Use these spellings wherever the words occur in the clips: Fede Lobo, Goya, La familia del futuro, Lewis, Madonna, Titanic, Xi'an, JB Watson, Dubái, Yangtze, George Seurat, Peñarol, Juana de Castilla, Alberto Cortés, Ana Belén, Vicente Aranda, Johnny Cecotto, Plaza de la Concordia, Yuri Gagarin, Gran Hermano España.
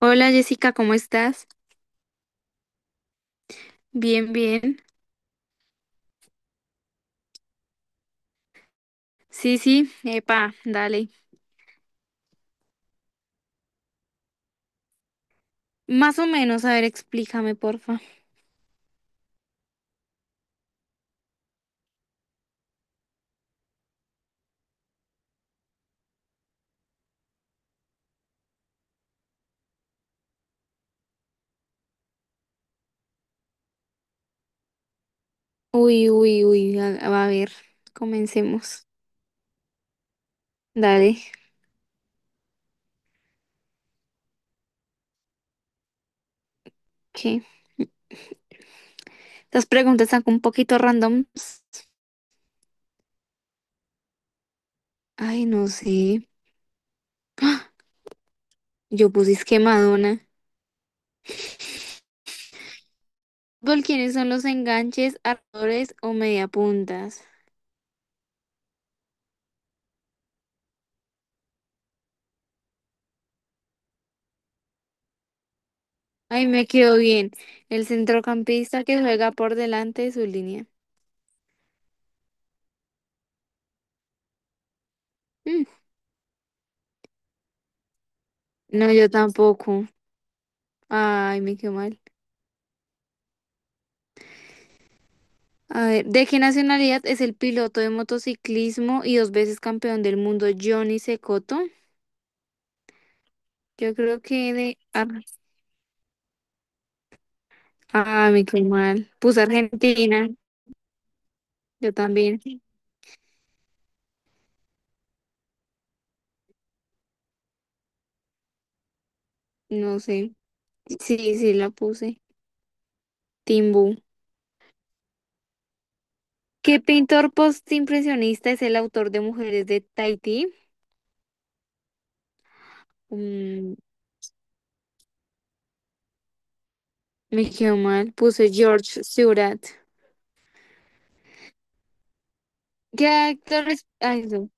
Hola Jessica, ¿cómo estás? Bien, bien. Sí, sí, epa, dale. Más o menos, a ver, explícame, porfa. Uy, uy, uy, a ver, comencemos. Dale, ¿qué? Estas preguntas están un poquito randoms. Ay, no sé. Yo puse es que Madonna. ¿Por quiénes son los enganches, armadores o mediapuntas? Ay, me quedó bien. El centrocampista que juega por delante de su línea. Mm. No, yo tampoco. Ay, me quedó mal. A ver, ¿de qué nacionalidad es el piloto de motociclismo y dos veces campeón del mundo Johnny Cecotto? Yo creo que de... Ar- me quedé mal. Puse Argentina, yo también. No sé. Sí, sí, la puse. Timbú. ¿Qué pintor postimpresionista es el autor de Mujeres de Tahití? Mm, me quedó mal. Puse George Seurat. ¿Qué actores? Ay, no.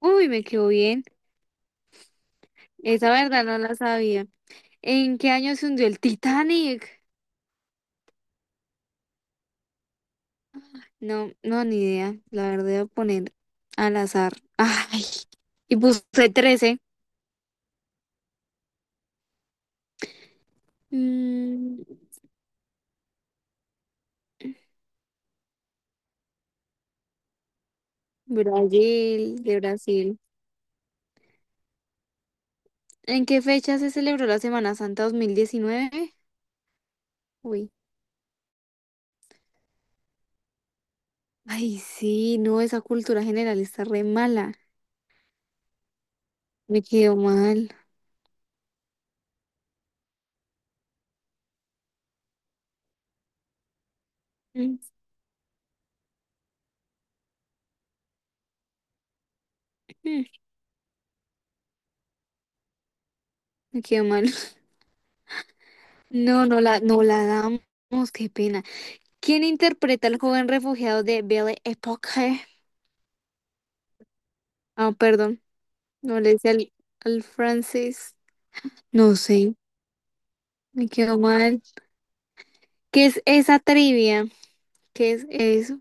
Uy, me quedó bien. Esa verdad no la sabía. ¿En qué año se hundió el Titanic? No, no, ni idea. La verdad, voy a poner al azar. Ay, y puse 13. Mm. Brasil, de Brasil. ¿En qué fecha se celebró la Semana Santa 2019? Uy. Ay, sí, no, esa cultura general está re mala. Me quedó mal. Mm, mm, Me quedó mal. No, no la, no la damos, qué pena. ¿Quién interpreta al joven refugiado de Belle Époque? Ah, perdón, no le dice al, al francés. No sé. Me quedó mal. ¿Qué es esa trivia? ¿Qué es eso?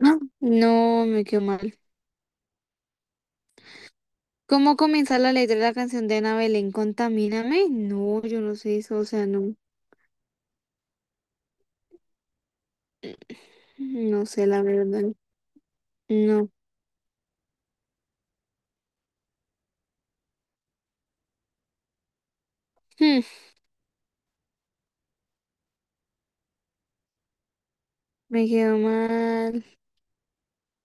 Ah, no, me quedó mal. ¿Cómo comienza la letra de la canción de Ana Belén? ¿Contamíname? No, yo no sé eso, o sea, no, no sé la verdad. No. Hmm, me quedó mal.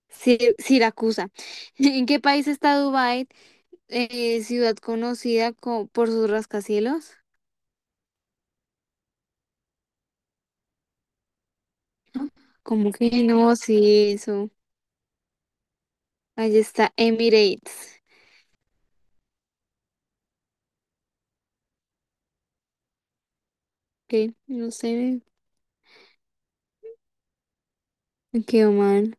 Si- Siracusa. ¿En qué país está Dubái? Ciudad conocida co- por sus rascacielos. Ah, ¿cómo que no? Sí, eso. Ahí está Emirates. Ok, no sé, me quedó mal.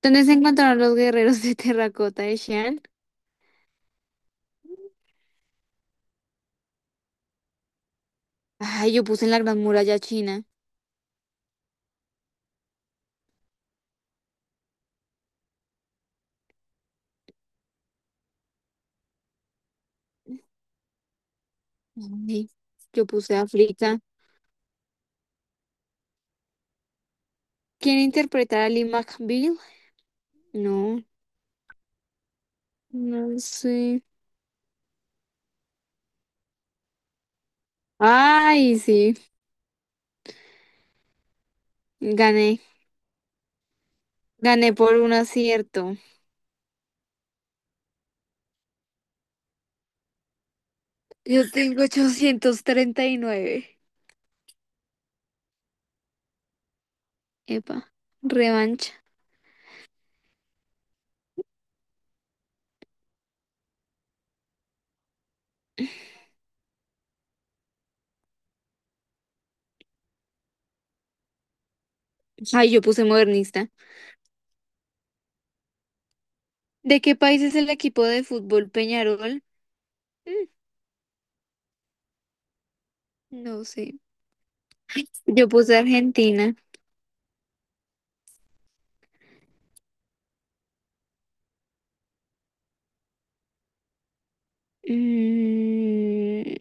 ¿Dónde se encontraron los guerreros de terracota de Xi'an? Ay, yo puse en la Gran Muralla China. Ay, yo puse África. ¿Quién interpretará a Lee McBeal? No, no sé. Ay, sí, gané. Gané por un acierto. Yo tengo 839. Epa, revancha. Ay, yo puse modernista. ¿De qué país es el equipo de fútbol Peñarol? Mm, no sé. Yo puse Argentina. Mm,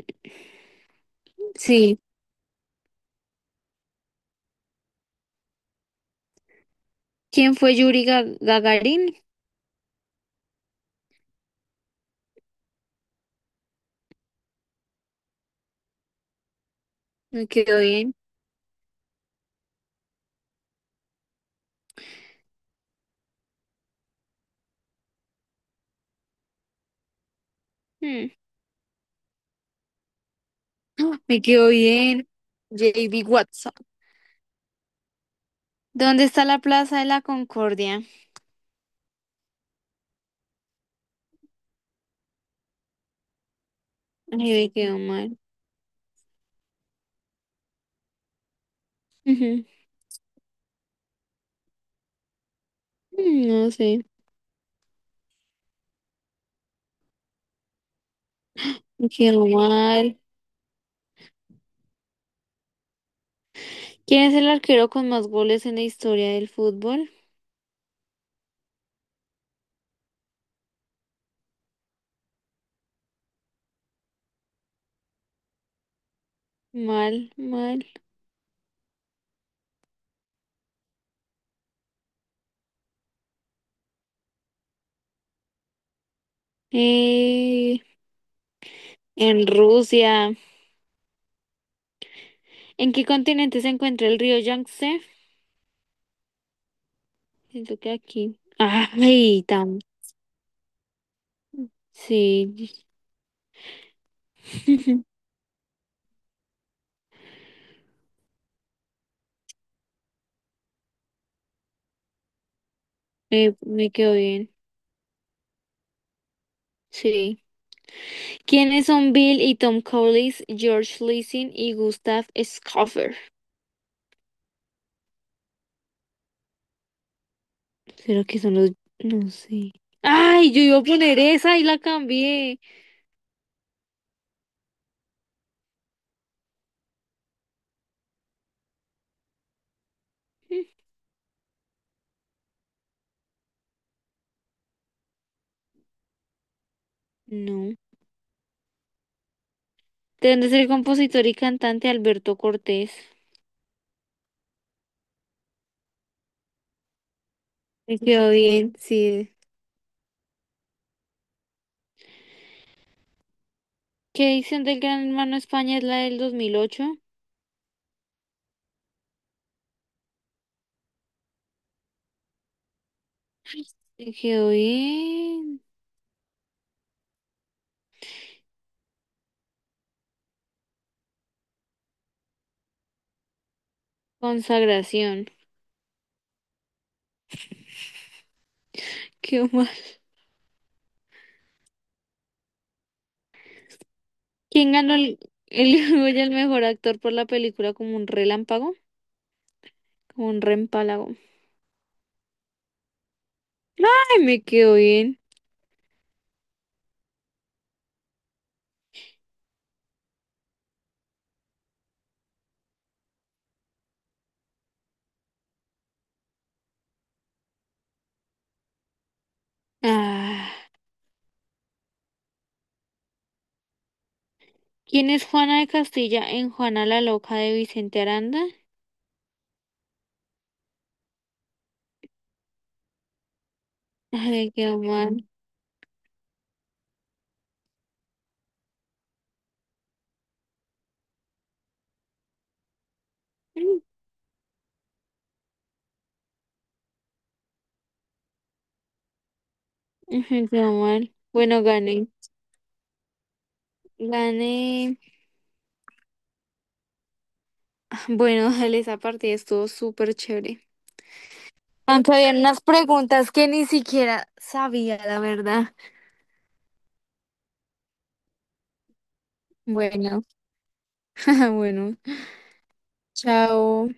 sí. ¿Quién fue Yuri Ga- Gagarin? Me quedó bien. Hmm. ¡Ah! Me quedó bien. JB Watson. ¿Dónde está la Plaza de la Concordia? Ay, me quedó mal. Ujú. Mm, no sé, me quedó mal. ¿Quién es el arquero con más goles en la historia del fútbol? Mal, mal. Eh, en Rusia. ¿En qué continente se encuentra el río Yangtze? Siento que aquí. Ay, tan. Sí. Me quedó bien. Sí. ¿Quiénes son Bill y Tom Collins, George Lessing y Gustav Schoffer? ¿Será que son los...? No sé. ¡Ay! Yo iba a poner esa y la cambié. Mm. No. Tendrá ser el compositor y cantante Alberto Cortés. Me quedó bien, sí. ¿Qué edición del Gran Hermano España es la del 2008? Ay, me quedó bien. Consagración. Qué mal. ¿Quién ganó el Goya al mejor actor por la película como un relámpago? Como un reempálago. Ay, me quedó bien. Ah, ¿quién es Juana de Castilla en Juana la Loca de Vicente Aranda? Ay, me quedó mal. Mm, Me quedó mal. Bueno, gané. Gané. Ah, bueno, dale, esa partida estuvo súper chévere. Aunque había unas preguntas que ni siquiera sabía, la verdad. Bueno, bueno, chao.